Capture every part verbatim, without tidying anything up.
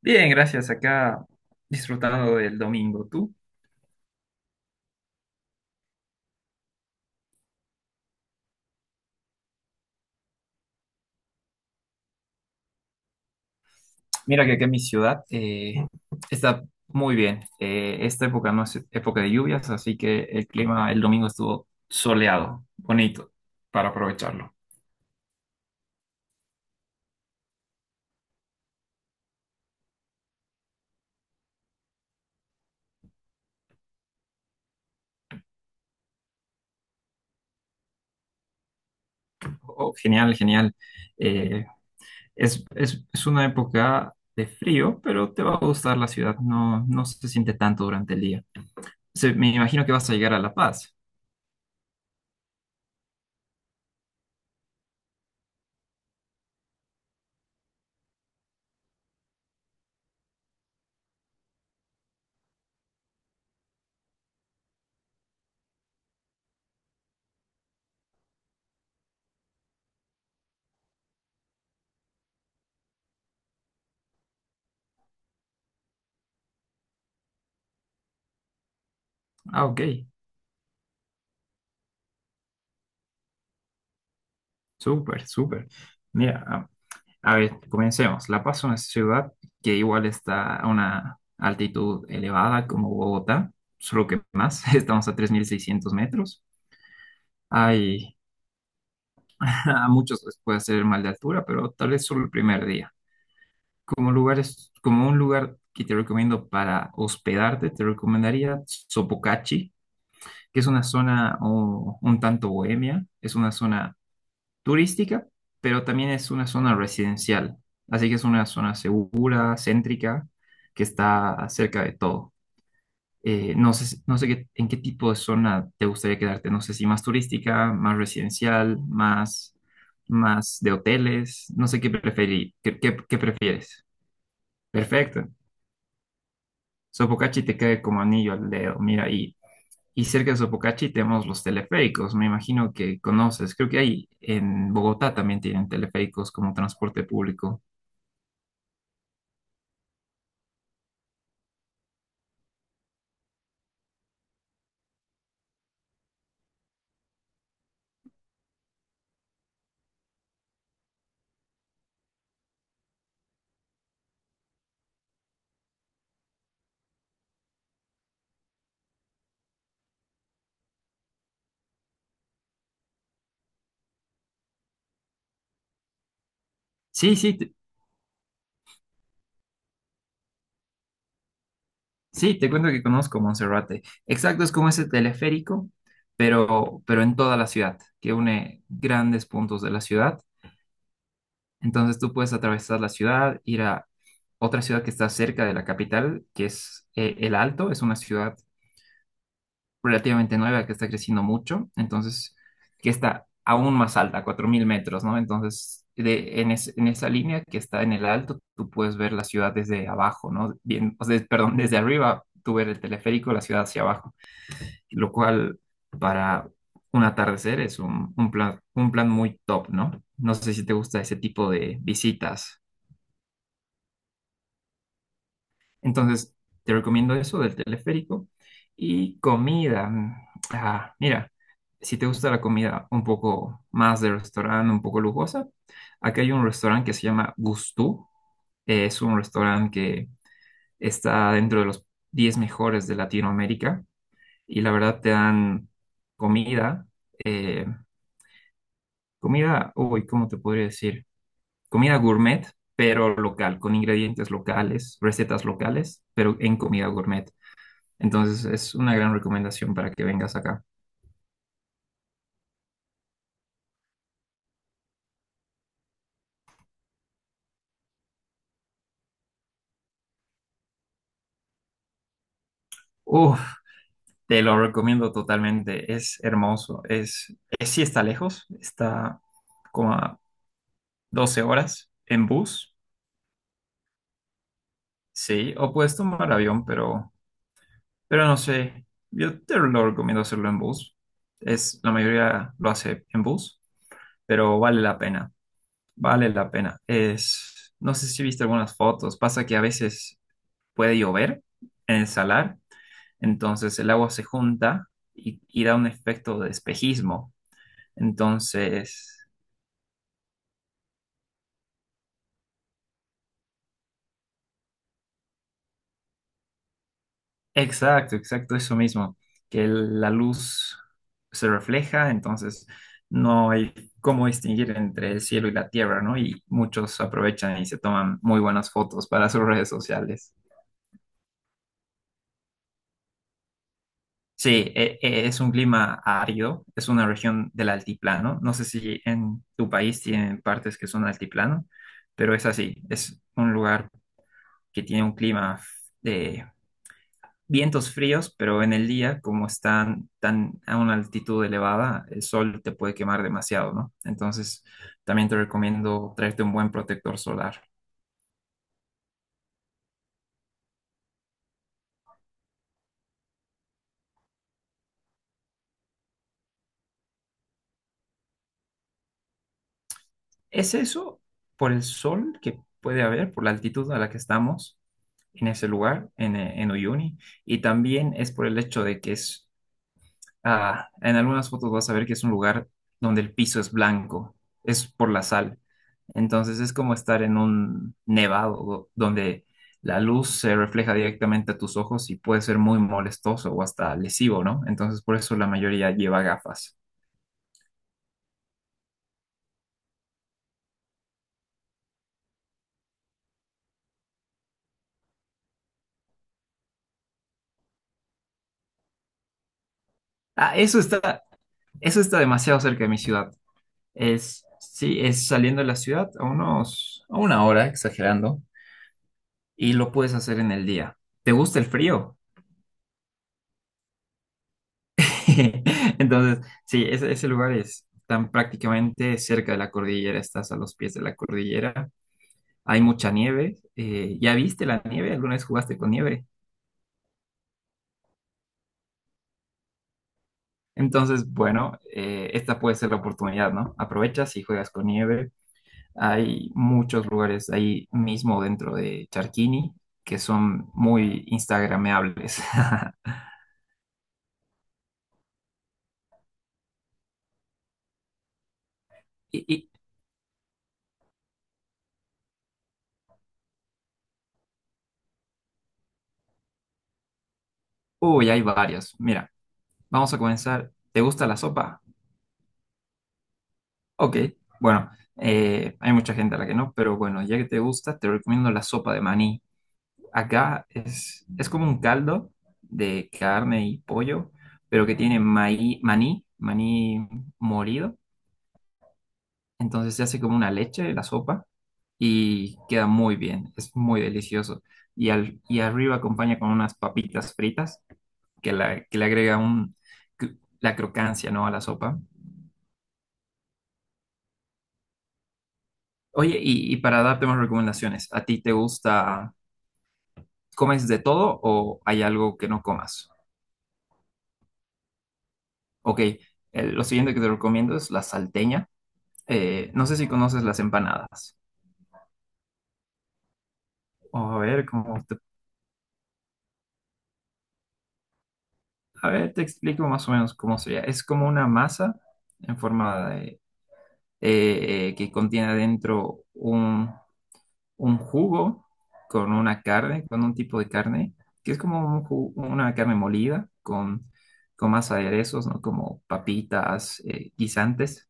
Bien, gracias. Acá disfrutando del domingo. ¿Tú? Mira que acá en mi ciudad eh, está muy bien. Eh, esta época no es época de lluvias, así que el clima el domingo estuvo soleado, bonito, para aprovecharlo. Oh, genial, genial. Eh, es, es, es una época de frío, pero te va a gustar la ciudad. No, no se siente tanto durante el día. Se- me imagino que vas a llegar a La Paz. Ah, ok. Súper, súper. Mira. ah, A ver, comencemos. La Paz es una ciudad que igual está a una altitud elevada como Bogotá, solo que más, estamos a tres mil seiscientos metros. Hay, a muchos les puede hacer mal de altura, pero tal vez solo el primer día. Como lugares, como un lugar que te recomiendo para hospedarte, te recomendaría Sopocachi, que es una zona oh, un tanto bohemia, es una zona turística, pero también es una zona residencial. Así que es una zona segura, céntrica, que está cerca de todo. Eh, no sé, si- no sé qué- en qué tipo de zona te gustaría quedarte. No sé si más turística, más residencial, más, más de hoteles. No sé qué preferí, qué, qué- qué prefieres. Perfecto. Sopocachi te cae como anillo al dedo. Mira, y. Y cerca de Sopocachi tenemos los teleféricos, me imagino que conoces. Creo que hay en Bogotá también tienen teleféricos como transporte público. Sí, sí, te- sí, te cuento que conozco Monserrate. Exacto, es como ese teleférico, pero, pero en toda la ciudad, que une grandes puntos de la ciudad. Entonces tú puedes atravesar la ciudad, ir a otra ciudad que está cerca de la capital, que es eh, El Alto, es una ciudad relativamente nueva que está creciendo mucho, entonces que está aún más alta, cuatro mil metros, ¿no? Entonces, de, en, es- en esa línea que está en el alto, tú puedes ver la ciudad desde abajo, ¿no? Bien, o sea, perdón, desde arriba, tú ver el teleférico, la ciudad hacia abajo, lo cual para un atardecer es un, un plan, un plan muy top, ¿no? No sé si te gusta ese tipo de visitas. Entonces, te recomiendo eso del teleférico. Y comida. mm, Ah, mira, si te gusta la comida un poco más de restaurante, un poco lujosa, aquí hay un restaurante que se llama Gustú. Eh, es un restaurante que está dentro de los diez mejores de Latinoamérica. Y la verdad te dan comida, eh, comida, uy, ¿cómo te podría decir? Comida gourmet, pero local, con ingredientes locales, recetas locales, pero en comida gourmet. Entonces es una gran recomendación para que vengas acá. Uf, te lo recomiendo totalmente. Es hermoso. Es, es- sí está lejos. Está como a doce horas en bus. Sí, o puedes tomar avión, pero, pero no sé. Yo te lo recomiendo hacerlo en bus. Es, la mayoría lo hace en bus, pero vale la pena. Vale la pena. Es, no sé si viste algunas fotos. Pasa que a veces puede llover en el salar. Entonces el agua se junta y, y da un efecto de espejismo. Entonces, exacto, exacto, eso mismo, que el- la luz se refleja, entonces no hay cómo distinguir entre el cielo y la tierra, ¿no? Y muchos aprovechan y se toman muy buenas fotos para sus redes sociales. Sí, e- e- es un clima árido, es una región del altiplano. No sé si en tu país tienen partes que son altiplano, pero es así, es un lugar que tiene un clima de vientos fríos, pero en el día, como están tan a una altitud elevada, el sol te puede quemar demasiado, ¿no? Entonces, también te recomiendo traerte un buen protector solar. ¿Es eso por el sol que puede haber, por la altitud a la que estamos en ese lugar, en, eh, en Uyuni? Y también es por el hecho de que es Ah, en algunas fotos vas a ver que es un lugar donde el piso es blanco, es por la sal. Entonces es como estar en un nevado do- donde la luz se refleja directamente a tus ojos y puede ser muy molestoso o hasta lesivo, ¿no? Entonces por eso la mayoría lleva gafas. Ah, eso está, eso está demasiado cerca de mi ciudad. Es, sí, es saliendo de la ciudad a unos, a una hora, exagerando, y lo puedes hacer en el día. ¿Te gusta el frío? Entonces, sí, ese, ese lugar es tan prácticamente cerca de la cordillera, estás a los pies de la cordillera, hay mucha nieve, eh, ¿ya viste la nieve? ¿Alguna vez jugaste con nieve? Entonces, bueno, eh, esta puede ser la oportunidad, ¿no? Aprovechas y juegas con nieve. Hay muchos lugares ahí mismo dentro de Charquini que son muy instagrameables. Y, y- uy, hay varios. Mira, vamos a comenzar. ¿Te gusta la sopa? Ok, bueno, eh, hay mucha gente a la que no, pero bueno, ya que te gusta, te recomiendo la sopa de maní. Acá es, es como un caldo de carne y pollo, pero que tiene maí, maní, maní molido. Entonces se hace como una leche la sopa y queda muy bien, es muy delicioso. Y, al, y arriba acompaña con unas papitas fritas que, la, que le agrega un, cr- la crocancia, ¿no? a la sopa. Oye, y, y para darte más recomendaciones, ¿a ti te gusta? ¿Comes de todo o hay algo que no comas? Ok, el- lo siguiente que te recomiendo es la salteña. Eh, no sé si conoces las empanadas. A ver, cómo te, a ver, te explico más o menos cómo sería. Es como una masa en forma de, eh, eh, que contiene adentro un, un jugo con una carne, con un tipo de carne, que es como un ju- una carne molida con, con más aderezos, ¿no? Como papitas, eh, guisantes.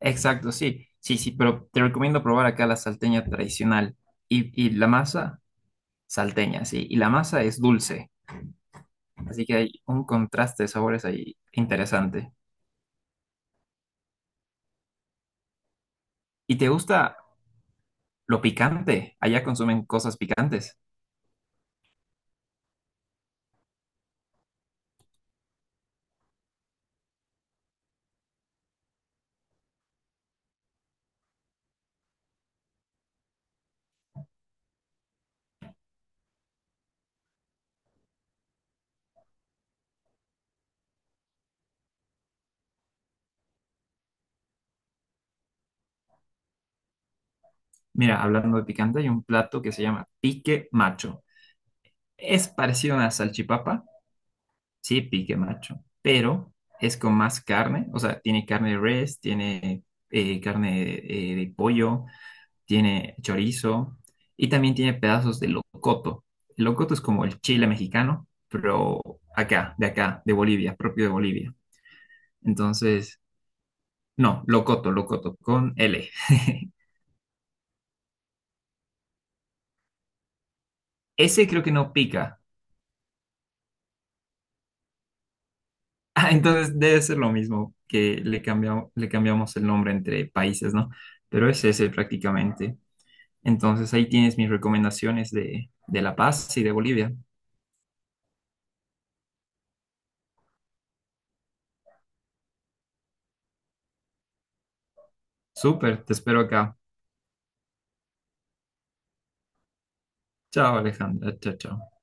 Exacto, sí, sí, sí, pero te recomiendo probar acá la salteña tradicional y, y la masa salteña, sí, y la masa es dulce, así que hay un contraste de sabores ahí interesante. ¿Y te gusta lo picante? Allá consumen cosas picantes. Mira, hablando de picante, hay un plato que se llama pique macho. Es parecido a una salchipapa, sí, pique macho, pero es con más carne, o sea, tiene carne de res, tiene eh, carne eh, de pollo tiene chorizo y también tiene pedazos de locoto. El locoto es como el chile mexicano, pero acá, de acá, de Bolivia, propio de Bolivia. Entonces, no, locoto, locoto, con L. Ese creo que no pica. Ah, entonces debe ser lo mismo que le cambiamos, le cambiamos el nombre entre países, ¿no? Pero es ese prácticamente. Entonces ahí tienes mis recomendaciones de, de La Paz y de Bolivia. Súper, te espero acá. Chao, Alejandra. Chao, chao.